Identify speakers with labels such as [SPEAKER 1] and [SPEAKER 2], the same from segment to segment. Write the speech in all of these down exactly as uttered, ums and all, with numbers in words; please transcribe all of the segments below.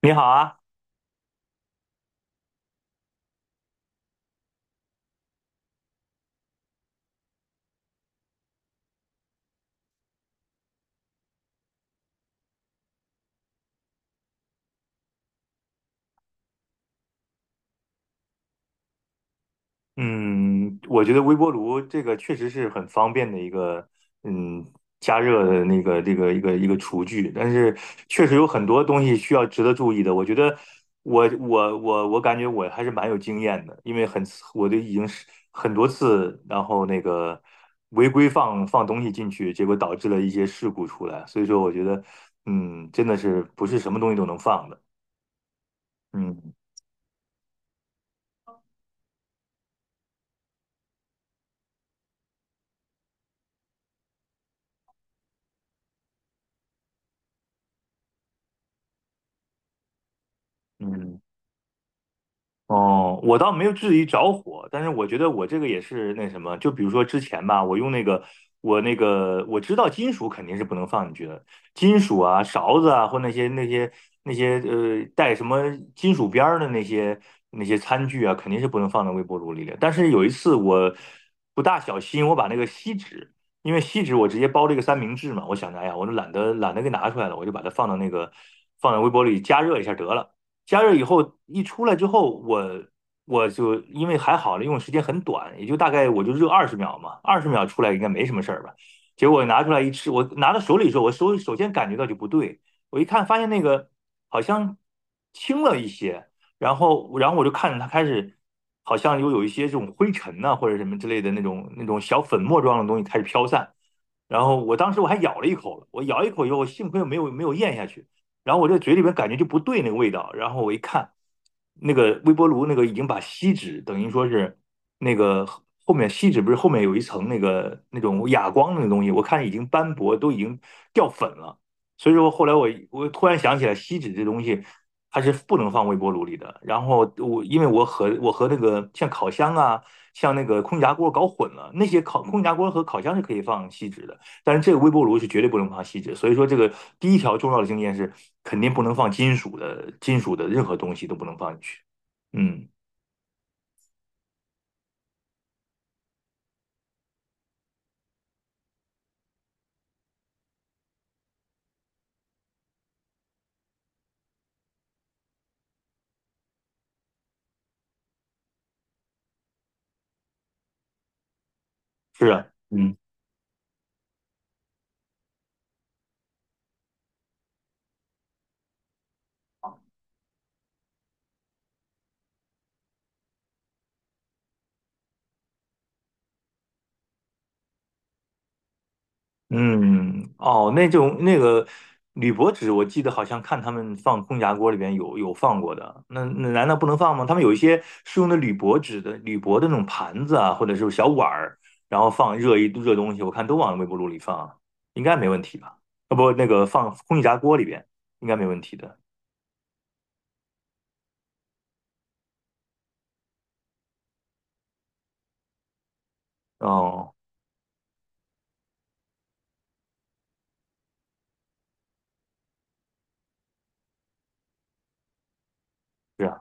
[SPEAKER 1] 你好啊，嗯，我觉得微波炉这个确实是很方便的一个，嗯，加热的那个这个一个一个厨具，但是确实有很多东西需要值得注意的。我觉得我我我我感觉我还是蛮有经验的，因为很我都已经是很多次，然后那个违规放放东西进去，结果导致了一些事故出来。所以说，我觉得，嗯，真的是不是什么东西都能放的。嗯嗯。哦，我倒没有质疑着火，但是我觉得我这个也是那什么，就比如说之前吧，我用那个，我那个我知道金属肯定是不能放进去的，金属啊、勺子啊或那些那些那些呃带什么金属边儿的那些那些餐具啊，肯定是不能放到微波炉里的。但是有一次我不大小心，我把那个锡纸，因为锡纸我直接包了一个三明治嘛，我想着哎呀，我就懒得懒得给拿出来了，我就把它放到那个放在微波炉里加热一下得了。加热以后一出来之后，我我就因为还好了，用的时间很短，也就大概我就热二十秒嘛，二十秒出来应该没什么事儿吧。结果拿出来一吃，我拿到手里的时候，我首首先感觉到就不对，我一看发现那个好像轻了一些，然后然后我就看着它开始好像又有一些这种灰尘呐、或者什么之类的那种那种小粉末状的东西开始飘散，然后我当时我还咬了一口了，我咬一口以后，我幸亏没有没有咽下去。然后我这嘴里边感觉就不对那个味道，然后我一看，那个微波炉那个已经把锡纸等于说是那个后面锡纸不是后面有一层那个那种哑光那个东西，我看已经斑驳，都已经掉粉了。所以说后来我我突然想起来，锡纸这东西它是不能放微波炉里的。然后我因为我和我和那个像烤箱啊，像那个空气炸锅搞混了，那些烤空气炸锅和烤箱是可以放锡纸的。但是这个微波炉是绝对不能放锡纸，所以说这个第一条重要的经验是肯定不能放金属的，金属的任何东西都不能放进去。嗯，是啊。嗯嗯。哦，那种那个铝箔纸，我记得好像看他们放空气炸锅里边有有放过的，那那难道不能放吗？他们有一些是用的铝箔纸的铝箔的那种盘子啊，或者是小碗儿，然后放热一热东西，我看都往微波炉里放，应该没问题吧？啊不，那个放空气炸锅里边应该没问题的。哦，是啊。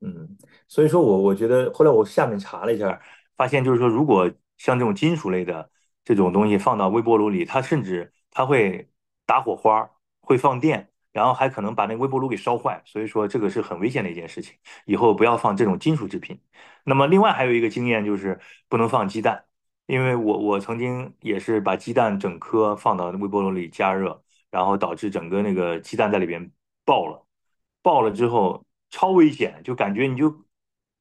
[SPEAKER 1] 嗯，所以说我我觉得后来我下面查了一下，发现就是说，如果像这种金属类的这种东西放到微波炉里，它甚至它会打火花儿，会放电，然后还可能把那个微波炉给烧坏，所以说这个是很危险的一件事情，以后不要放这种金属制品。那么另外还有一个经验就是不能放鸡蛋，因为我我曾经也是把鸡蛋整颗放到微波炉里加热，然后导致整个那个鸡蛋在里边爆了，爆了之后超危险，就感觉你就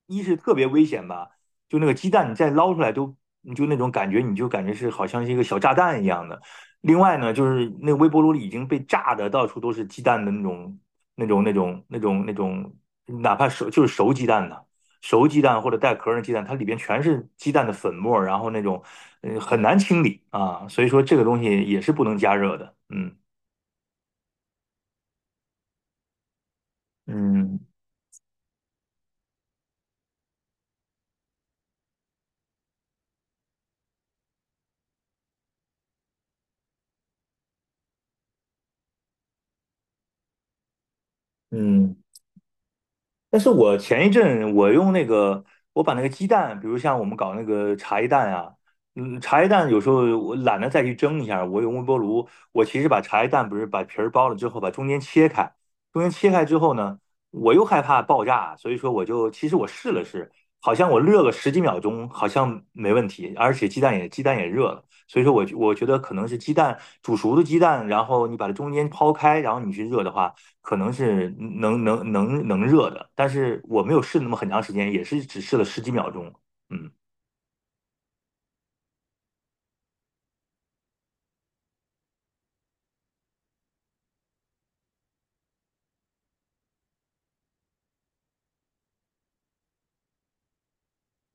[SPEAKER 1] 一是特别危险吧，就那个鸡蛋你再捞出来都，你就那种感觉，你就感觉是好像是一个小炸弹一样的。另外呢，就是那微波炉里已经被炸的到处都是鸡蛋的那种、那种、那种、那种、那种，哪怕熟就是熟鸡蛋的。熟鸡蛋或者带壳儿的鸡蛋，它里边全是鸡蛋的粉末儿然后那种，嗯，很难清理啊，所以说这个东西也是不能加热的。嗯。嗯嗯。但是我前一阵我用那个，我把那个鸡蛋，比如像我们搞那个茶叶蛋啊，嗯，茶叶蛋有时候我懒得再去蒸一下，我用微波炉，我其实把茶叶蛋不是把皮儿剥了之后，把中间切开，中间切开之后呢，我又害怕爆炸，所以说我就其实我试了试，好像我热个十几秒钟，好像没问题，而且鸡蛋也鸡蛋也热了，所以说我我觉得可能是鸡蛋煮熟的鸡蛋，然后你把它中间抛开，然后你去热的话。可能是能能能能热的，但是我没有试那么很长时间，也是只试了十几秒钟。嗯。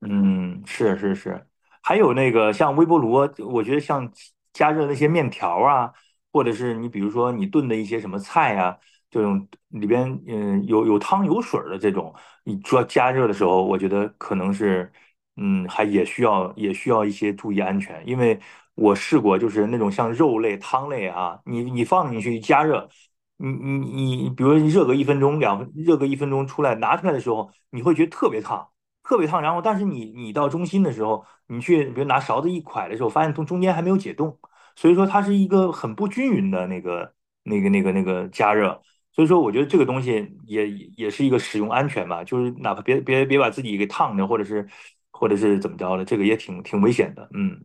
[SPEAKER 1] 嗯，是是是，还有那个像微波炉啊我觉得像加热那些面条啊，或者是你比如说你炖的一些什么菜啊，这种里边嗯有有汤有水儿的这种，你做加热的时候，我觉得可能是嗯还也需要也需要一些注意安全，因为我试过就是那种像肉类汤类啊，你你放进去一加热。你你你，比如说你热个一分钟、两分，热个一分钟出来，拿出来的时候，你会觉得特别烫，特别烫。然后，但是你你到中心的时候，你去比如拿勺子一㧟的时候，发现从中间还没有解冻，所以说它是一个很不均匀的那个那个那个那个加热。所以说，我觉得这个东西也也是一个使用安全吧，就是哪怕别别别把自己给烫着，或者是或者是怎么着的，这个也挺挺危险的。嗯。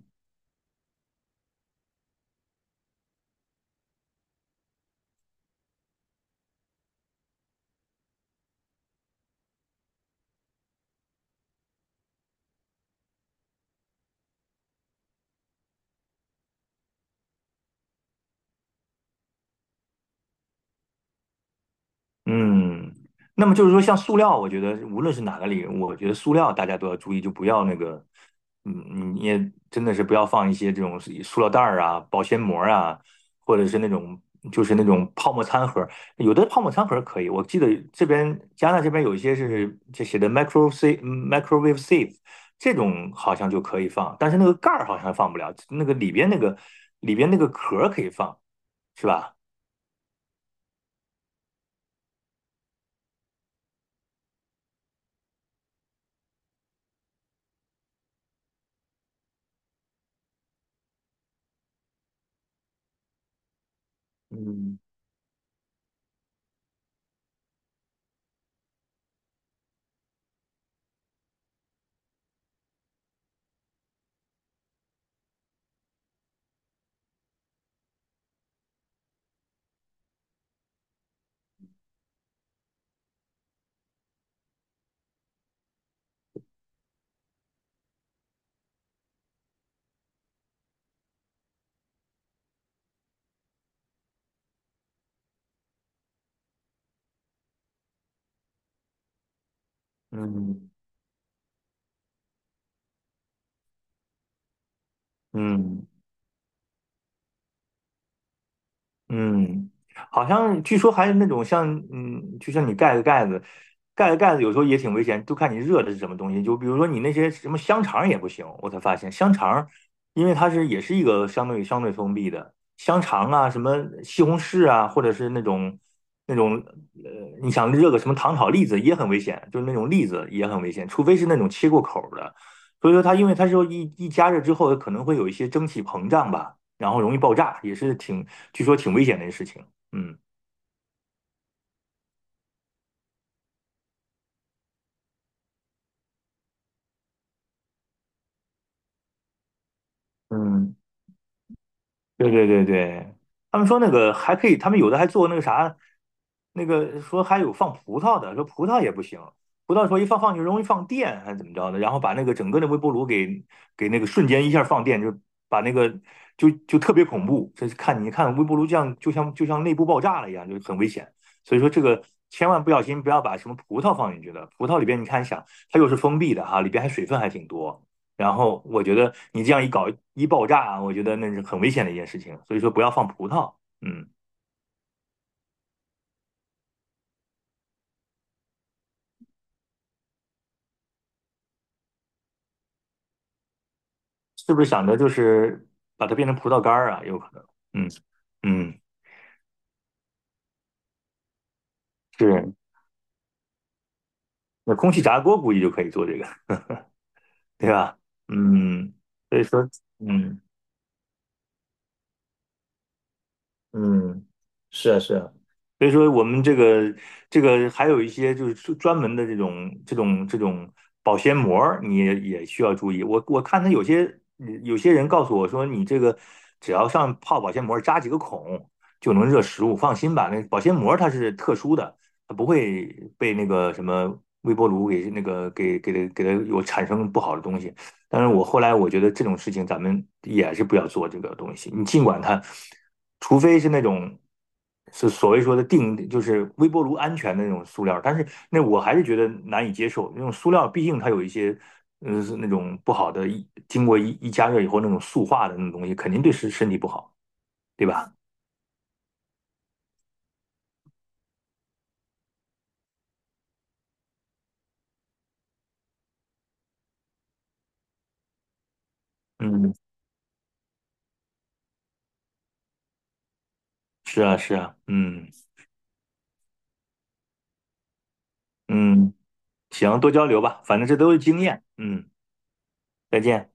[SPEAKER 1] 嗯，那么就是说，像塑料，我觉得无论是哪个领域，我觉得塑料大家都要注意，就不要那个，嗯，你也真的是不要放一些这种塑料袋儿啊、保鲜膜啊，或者是那种就是那种泡沫餐盒有的泡沫餐盒可以，我记得这边加拿大这边有一些是这写的 micro safe microwave safe 这种好像就可以放，但是那个盖儿好像放不了，那个里边那个里边那个壳儿可以放，是吧？嗯嗯嗯。嗯，好像据说还有那种像，嗯，就像你盖个盖子，盖个盖子有时候也挺危险，就看你热的是什么东西。就比如说你那些什么香肠也不行，我才发现香肠，因为它是也是一个相对相对封闭的香肠啊，什么西红柿啊，或者是那种那种呃，你想热个什么糖炒栗子也很危险，就是那种栗子也很危险，除非是那种切过口儿的。所以说它因为它说一一加热之后可能会有一些蒸汽膨胀吧。然后容易爆炸，也是挺，据说挺危险的一个事情。嗯嗯。对对对对，他们说那个还可以，他们有的还做那个啥，那个说还有放葡萄的，说葡萄也不行，葡萄说一放放就容易放电还是怎么着的，然后把那个整个的微波炉给给那个瞬间一下放电，就把那个就就特别恐怖，这是看你看微波炉这样就像就像内部爆炸了一样，就很危险，所以说这个千万不小心不要把什么葡萄放进去的，葡萄里边你看想它又是封闭的哈，里边还水分还挺多。然后我觉得你这样一搞一爆炸啊，我觉得那是很危险的一件事情。所以说不要放葡萄。嗯。是不是想着就是把它变成葡萄干儿啊？有可能。嗯嗯。是。那空气炸锅估计就可以做这个，对吧？嗯，所以说。嗯。嗯，是啊，是啊，所以说，我们这个这个还有一些就是专专门的这种这种这种保鲜膜儿你也也需要注意。我我看他有些有些人告诉我说，你这个只要上泡保鲜膜儿扎几个孔就能热食物，放心吧。那保鲜膜儿它是特殊的，它不会被那个什么微波炉给那个给给它给它有产生不好的东西。但是我后来我觉得这种事情咱们也是不要做这个东西。你尽管它，除非是那种是所谓说的定，就是微波炉安全的那种塑料，但是那我还是觉得难以接受。那种塑料毕竟它有一些，嗯，是那种不好的，一经过一一加热以后那种塑化的那种东西，肯定对身身体不好，对吧？嗯，是啊，是啊。嗯嗯。行，多交流吧，反正这都是经验。嗯。再见。